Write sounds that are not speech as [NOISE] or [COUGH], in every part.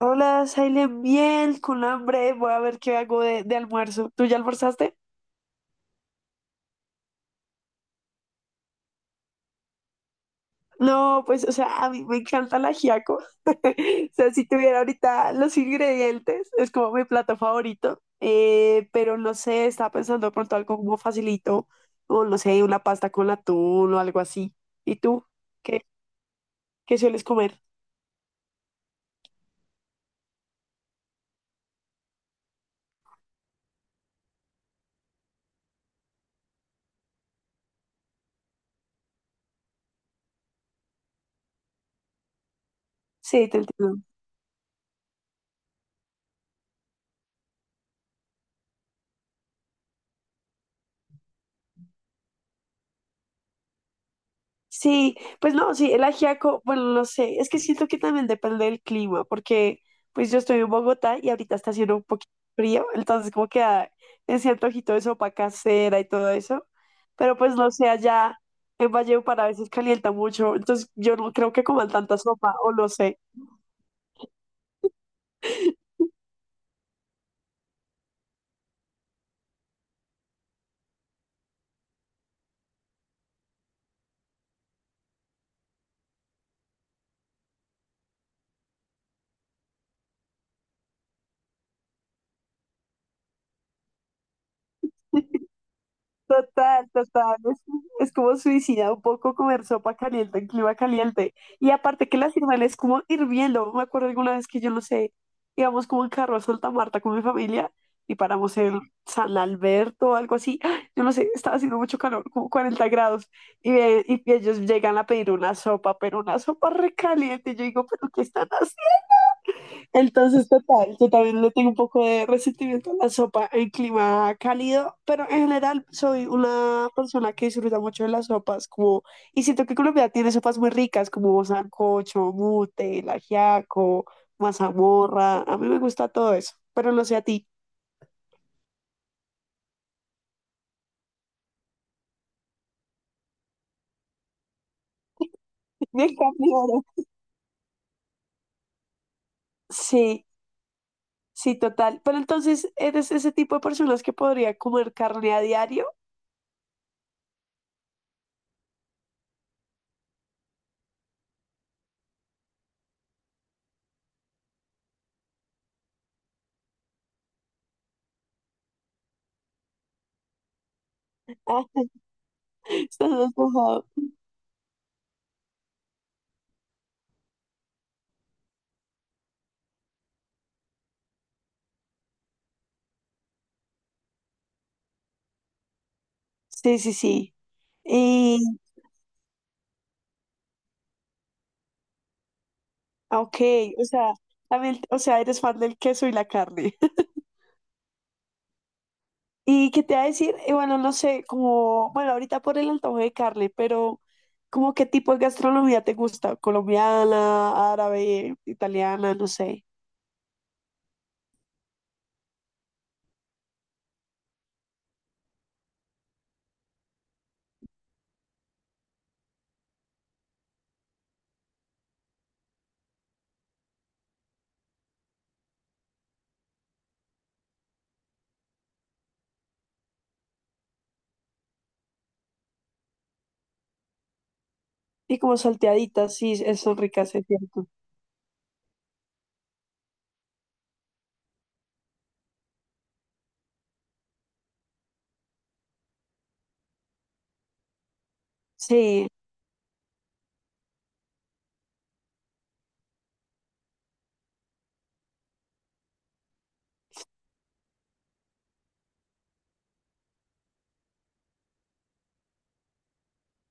Hola, Silent, bien, con hambre, voy a ver qué hago de almuerzo. ¿Tú ya almorzaste? No, pues, o sea, a mí me encanta el ajiaco. [LAUGHS] O sea, si tuviera ahorita los ingredientes, es como mi plato favorito. Pero no sé, estaba pensando de pronto algo como facilito, o no sé, una pasta con atún o algo así. ¿Y tú? ¿Qué, qué sueles comer? Sí, te entiendo. Sí, pues no, sí, el ajiaco, bueno, no sé, es que siento que también depende del clima, porque pues yo estoy en Bogotá y ahorita está haciendo un poquito frío, entonces como queda ese antojito de sopa casera y todo eso, pero pues no sé, allá en Valledupar a veces calienta mucho, entonces yo no creo que coman tanta sopa, o no sé. Total, total. Es como suicida un poco comer sopa caliente en clima caliente. Y aparte que la sirven es como hirviendo. Me acuerdo alguna vez que yo no sé, íbamos como en carro a Santa Marta con mi familia y paramos en San Alberto o algo así. [GASPS] ¡Ah! Yo no sé, estaba haciendo mucho calor, como 40 grados. Y ellos llegan a pedir una sopa, pero una sopa recaliente. Y yo digo, ¿pero qué están entonces? Total, yo también le tengo un poco de resentimiento a la sopa en clima cálido, pero en general soy una persona que disfruta mucho de las sopas, como, y siento que Colombia tiene sopas muy ricas, como sancocho, mute, el ajiaco, mazamorra, a mí me gusta todo eso, pero no sé a ti. [LAUGHS] Me cambiaron. Sí, sí, total, pero entonces, ¿eres ese tipo de personas que podría comer carne a diario? [LAUGHS] Ah, estás más mojado. Sí, sí, sí. Y, ah, ok, o sea, también, o sea, eres fan del queso y la carne. [LAUGHS] ¿Y qué te va a decir? Bueno, no sé, como, bueno, ahorita por el antojo de carne, pero ¿como qué tipo de gastronomía te gusta? ¿Colombiana, árabe, italiana, no sé? Y como salteaditas, sí, son ricas, es cierto. Sí,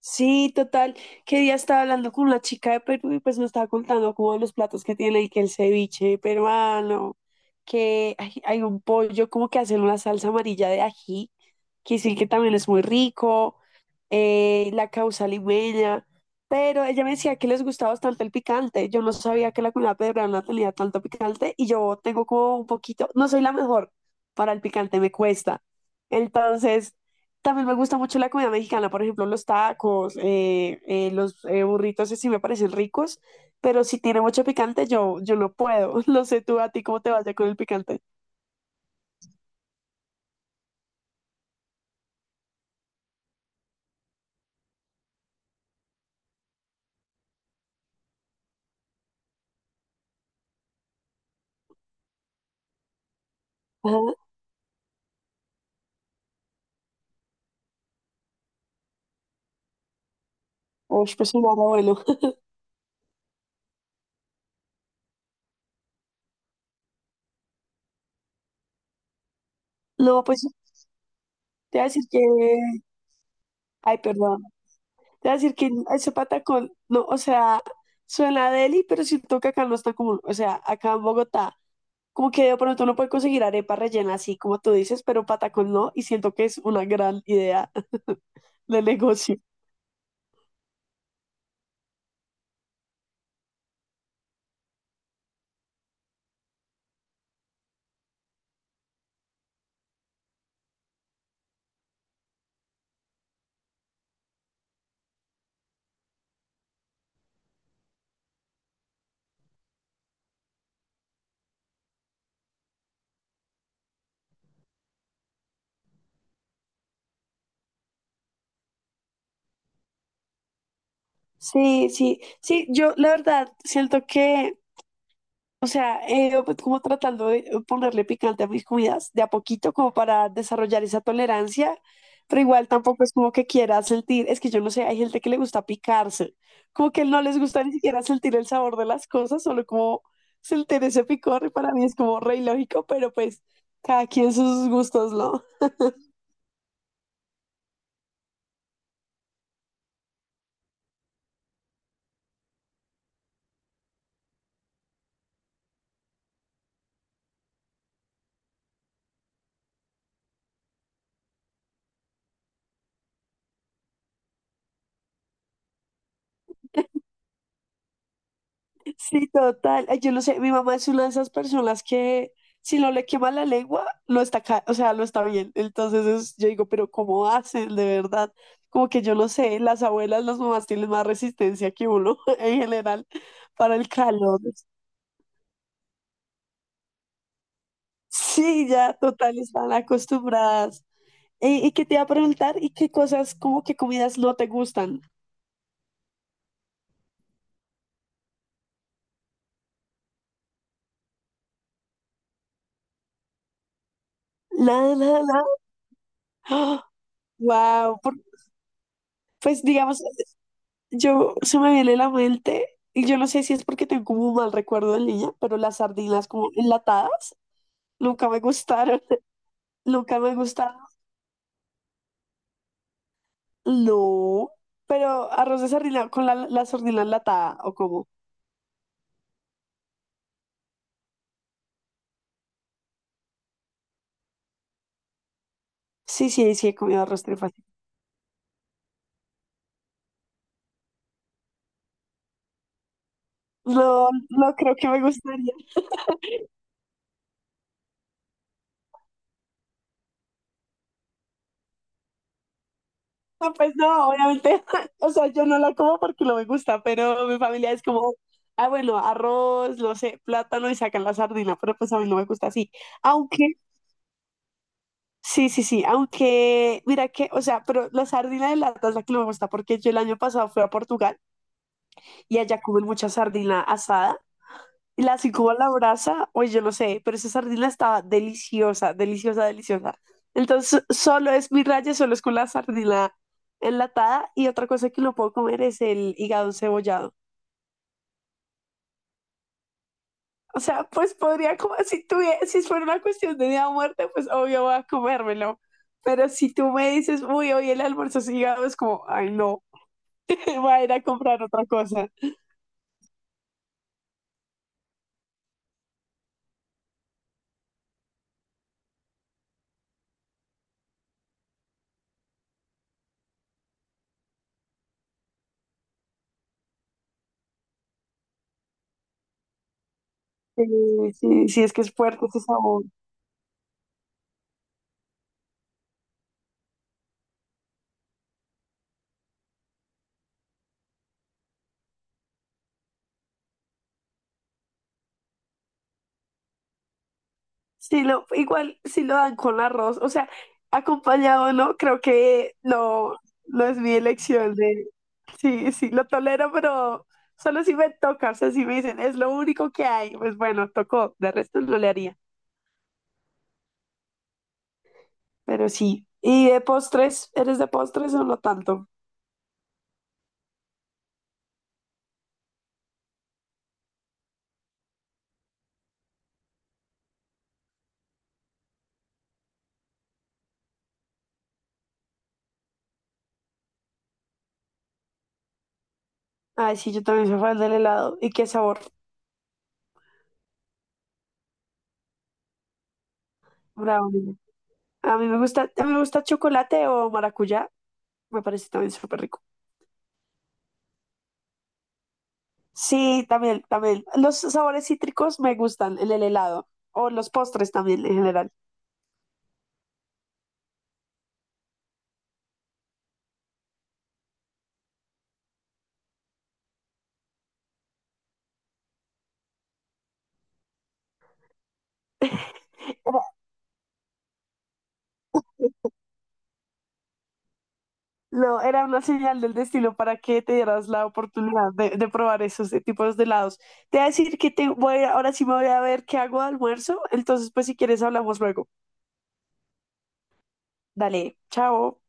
sí, total. Que día estaba hablando con una chica de Perú y pues me estaba contando como los platos que tiene y que el ceviche peruano, que hay un pollo como que hacen una salsa amarilla de ají, que sí que también es muy rico, la causa limeña, pero ella me decía que les gustaba bastante el picante. Yo no sabía que la comida peruana tenía tanto picante y yo tengo como un poquito, no soy la mejor para el picante, me cuesta. Entonces... También me gusta mucho la comida mexicana, por ejemplo, los tacos, los burritos, sí me parecen ricos, pero si tiene mucho picante, yo no puedo. [LAUGHS] No sé tú a ti cómo te vaya con el picante. Ajá. Uy, pues un abuelo. [LAUGHS] No, pues te voy a decir que. Ay, perdón. Te voy a decir que ese patacón, no, o sea, suena deli, pero siento que acá no es tan común. O sea, acá en Bogotá, como que de pronto uno puede conseguir arepa rellena así como tú dices, pero patacón no, y siento que es una gran idea [LAUGHS] de negocio. Sí, sí, sí, yo la verdad siento que, o sea, pues, como tratando de ponerle picante a mis comidas de a poquito como para desarrollar esa tolerancia, pero igual tampoco es como que quiera sentir, es que yo no sé, hay gente que le gusta picarse, como que no les gusta ni siquiera sentir el sabor de las cosas, solo como sentir ese picor y para mí es como re ilógico, pero pues cada quien sus gustos, ¿no? Sí, total. Ay, yo no sé, mi mamá es una de esas personas que si no le quema la lengua, lo está, o sea, lo está bien. Yo digo, pero ¿cómo hacen de verdad? Como que yo no sé, las abuelas, las mamás tienen más resistencia que uno [LAUGHS] en general para el calor. Sí, ya, total, están acostumbradas. Y qué te iba a preguntar? ¿Y qué cosas, como qué comidas no te gustan? Nada, nada, nada. Wow, [GASPS] pues digamos. Yo se me viene la mente, y yo no sé si es porque tengo como un mal recuerdo de niña, pero las sardinas como enlatadas nunca me gustaron. [LAUGHS] Nunca me gustaron. No. Pero arroz de sardina con la sardina enlatada, ¿o cómo? Sí, sí, sí, he comido arroz trifásico. No, no creo que me gustaría. No, pues no, obviamente. [LAUGHS] O sea, yo no la como porque no me gusta, pero mi familia es como, ah, bueno, arroz, no sé, plátano y sacan la sardina, pero pues a mí no me gusta así. Aunque sí, sí, sí, aunque mira que, o sea, pero la sardina de lata es la que no me gusta porque yo el año pasado fui a Portugal y allá comen mucha sardina asada y la así como a la brasa, oye, yo no sé, pero esa sardina estaba deliciosa, deliciosa, deliciosa. Entonces, solo es mi raya, solo es con la sardina enlatada y otra cosa que no puedo comer es el hígado cebollado. O sea, pues podría comer, si tuviera, si fuera una cuestión de día o muerte, pues obvio voy a comérmelo. Pero si tú me dices, uy, hoy el almuerzo es hígado, es como, ay, no. [LAUGHS] Va a ir a comprar otra cosa. Sí, sí, sí, es que es fuerte ese sabor. Sí, lo, igual si lo dan con arroz, o sea, acompañado, ¿no? Creo que no, no es mi elección de, sí, sí, lo tolero, pero solo si me toca, o sea, si me dicen, es lo único que hay, pues bueno, tocó, de resto no le haría, pero sí. ¿Y de postres? ¿Eres de postres o no tanto? Ay, sí, yo también soy fan del helado. ¿Y qué sabor? Bravo. A mí me gusta, a mí me gusta chocolate o maracuyá, me parece también súper rico. Sí, también, también. Los sabores cítricos me gustan en el helado o los postres también en general. Era- No, era una señal del destino para que te dieras la oportunidad de probar esos tipos de helados. Te voy a decir que te voy, ahora sí me voy a ver qué hago de almuerzo, entonces pues si quieres hablamos luego. Dale, chao.